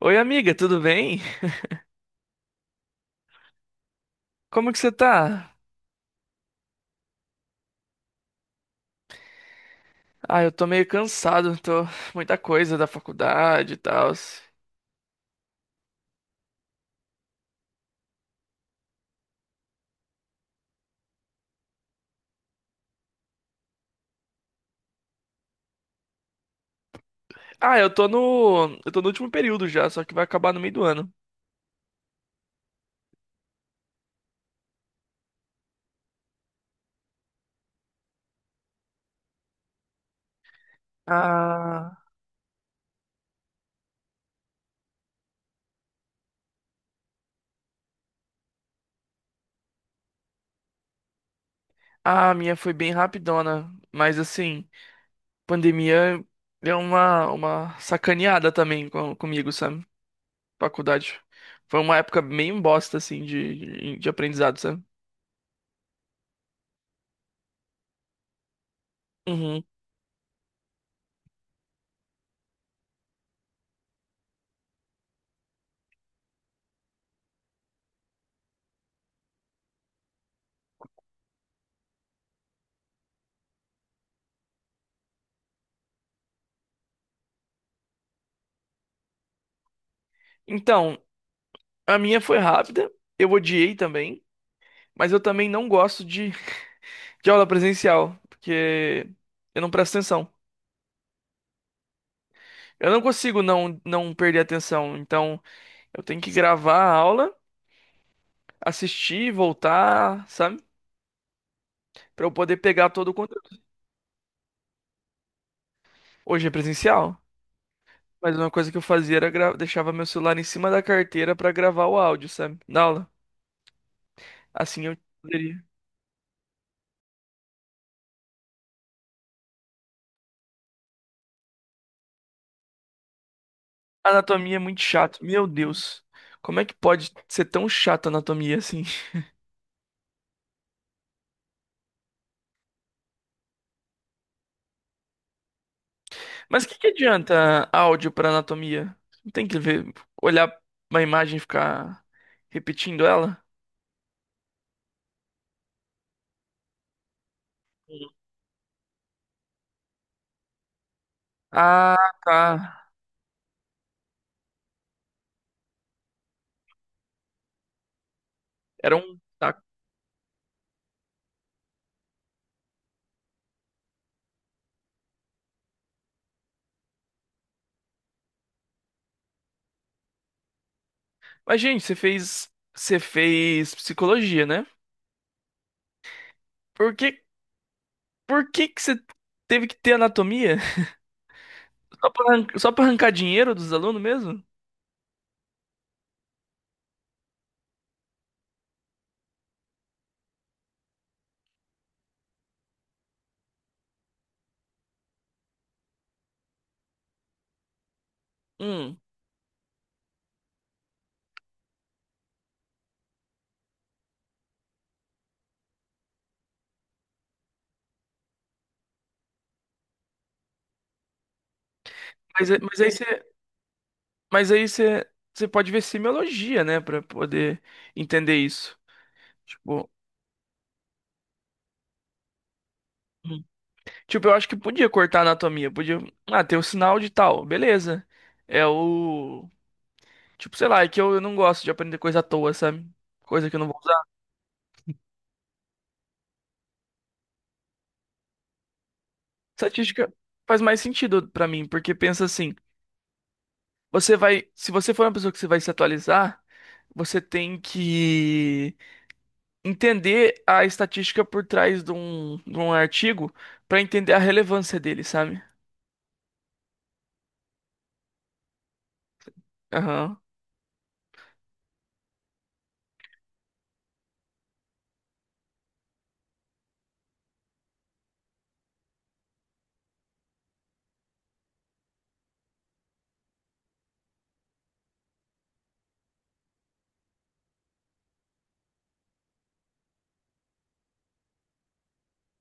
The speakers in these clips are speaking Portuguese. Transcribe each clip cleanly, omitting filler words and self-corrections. Oi, amiga, tudo bem? Como que você tá? Eu tô meio cansado, tô muita coisa da faculdade e tal. Eu tô no último período já, só que vai acabar no meio do ano. Ah, a minha foi bem rapidona, mas assim, pandemia deu uma sacaneada também comigo, sabe? Faculdade. Foi uma época meio bosta assim de aprendizado, sabe? Uhum. Então, a minha foi rápida, eu odiei também, mas eu também não gosto de aula presencial, porque eu não presto atenção. Eu não consigo não perder a atenção, então eu tenho que gravar a aula, assistir, voltar, sabe? Pra eu poder pegar todo o conteúdo. Hoje é presencial, mas uma coisa que eu fazia era deixava meu celular em cima da carteira pra gravar o áudio, sabe? Na aula. Assim eu poderia. Anatomia é muito chato. Meu Deus. Como é que pode ser tão chato a anatomia assim? Mas o que que adianta áudio pra anatomia? Não tem que ver, olhar uma imagem e ficar repetindo ela? Sim. Ah, tá. Era um saco. Mas, gente, você fez psicologia, né? Por que, por que que você teve que ter anatomia? Só pra, só pra arrancar dinheiro dos alunos mesmo? Hum. Mas, é- mas aí você, mas aí você, você pode ver semiologia, né? Pra poder entender isso. Tipo. Tipo, eu acho que podia cortar a anatomia, podia. Ah, tem o sinal de tal, beleza. É o. Tipo, sei lá, é que eu não gosto de aprender coisa à toa, sabe? Coisa que eu não vou usar. Estatística faz mais sentido pra mim, porque pensa assim, você vai. Se você for uma pessoa que você vai se atualizar, você tem que entender a estatística por trás de de um artigo pra entender a relevância dele, sabe? Aham.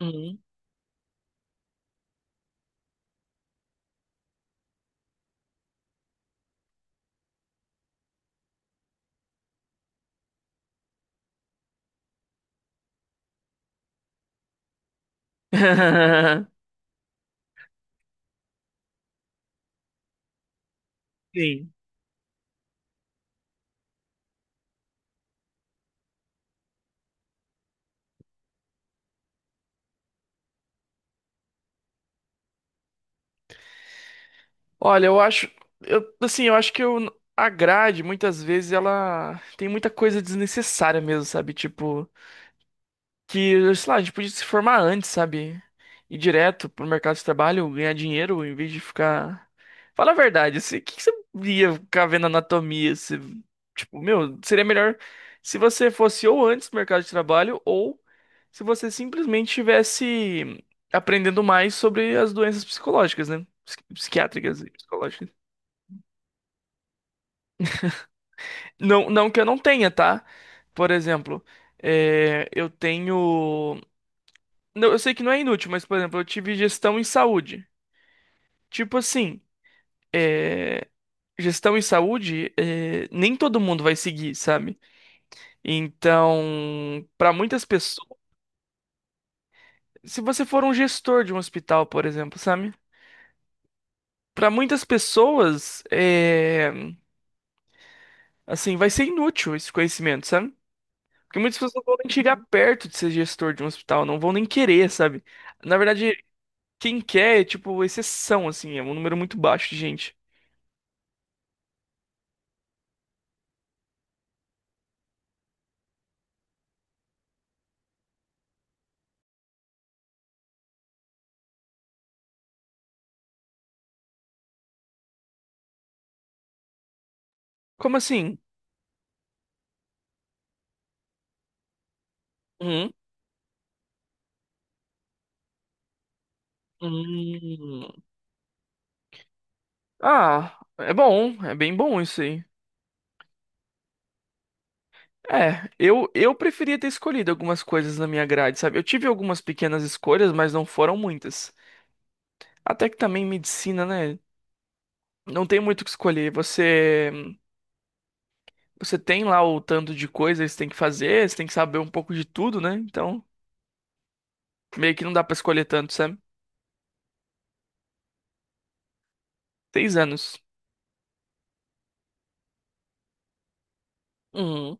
Uhum. Sim. Olha, eu acho, eu, assim, eu acho a grade, muitas vezes, ela tem muita coisa desnecessária mesmo, sabe? Tipo, que, sei lá, a gente podia se formar antes, sabe? Ir direto pro mercado de trabalho, ganhar dinheiro, em vez de ficar... Fala a verdade, assim, o que que você ia ficar vendo anatomia? Você, tipo, meu, seria melhor se você fosse ou antes do mercado de trabalho, ou se você simplesmente estivesse aprendendo mais sobre as doenças psicológicas, né? Psiquiátricas e psicológicas. Não, não que eu não tenha, tá? Por exemplo, é, eu tenho. Não, eu sei que não é inútil, mas, por exemplo, eu tive gestão em saúde. Tipo assim, é, gestão em saúde, é, nem todo mundo vai seguir, sabe? Então, pra muitas pessoas. Se você for um gestor de um hospital, por exemplo, sabe? Pra muitas pessoas, é, assim, vai ser inútil esse conhecimento, sabe? Porque muitas pessoas não vão nem chegar perto de ser gestor de um hospital, não vão nem querer, sabe? Na verdade, quem quer é, tipo, exceção, assim, é um número muito baixo de gente. Como assim? Hum, hum. Ah, é bom, é bem bom isso aí. É, eu preferia ter escolhido algumas coisas na minha grade, sabe? Eu tive algumas pequenas escolhas, mas não foram muitas. Até que também medicina, né? Não tem muito o que escolher. Você, você tem lá o tanto de coisas que você tem que fazer, você tem que saber um pouco de tudo, né? Então, meio que não dá pra escolher tanto, sabe? 6 anos. Uhum.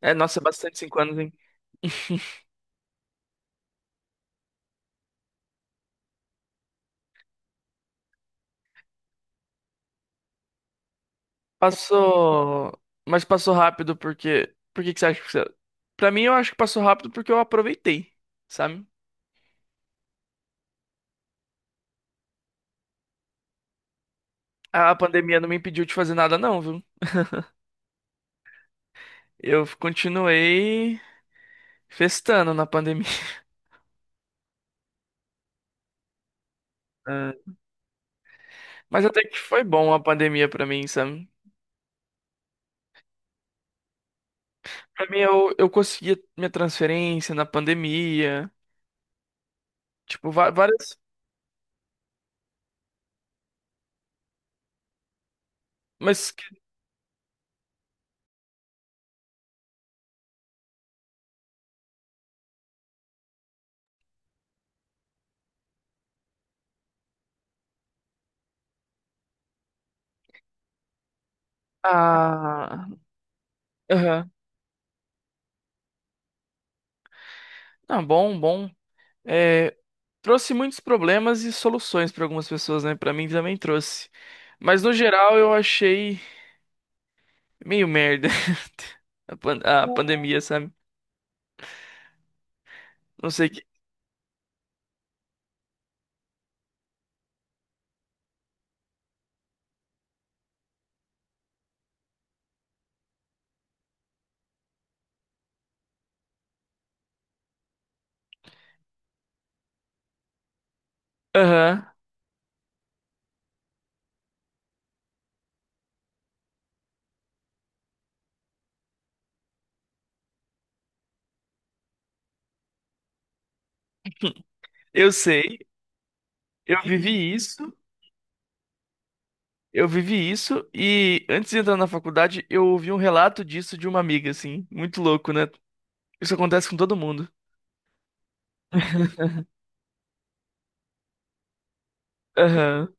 É, nossa, é bastante 5 anos, hein? Passou. Mas passou rápido porque. Por que que você acha que você. Pra mim, eu acho que passou rápido porque eu aproveitei, sabe? A pandemia não me impediu de fazer nada, não, viu? Eu continuei festando na pandemia. Ah. Mas até que foi bom a pandemia pra mim, sabe? Pra mim, eu consegui minha transferência na pandemia. Tipo, várias. Mas. Ah. Aham. Não, bom, bom. É trouxe muitos problemas e soluções pra algumas pessoas, né? Pra mim também trouxe. Mas no geral eu achei meio merda a pandemia, sabe? Não sei que. Aham, eu sei. Eu vivi isso. Eu vivi isso e antes de entrar na faculdade eu ouvi um relato disso de uma amiga, assim, muito louco, né? Isso acontece com todo mundo. Aham,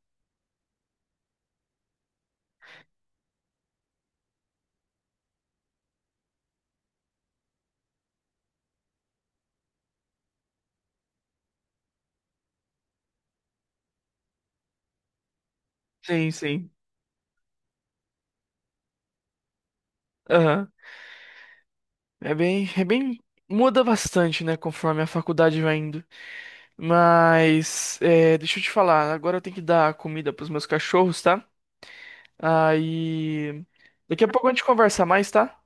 sim, sim. Aham. É bem, muda bastante, né, conforme a faculdade vai indo. Mas, é, deixa eu te falar, agora eu tenho que dar comida pros meus cachorros, tá? Aí. Daqui a pouco a gente conversa mais, tá?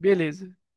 Beleza.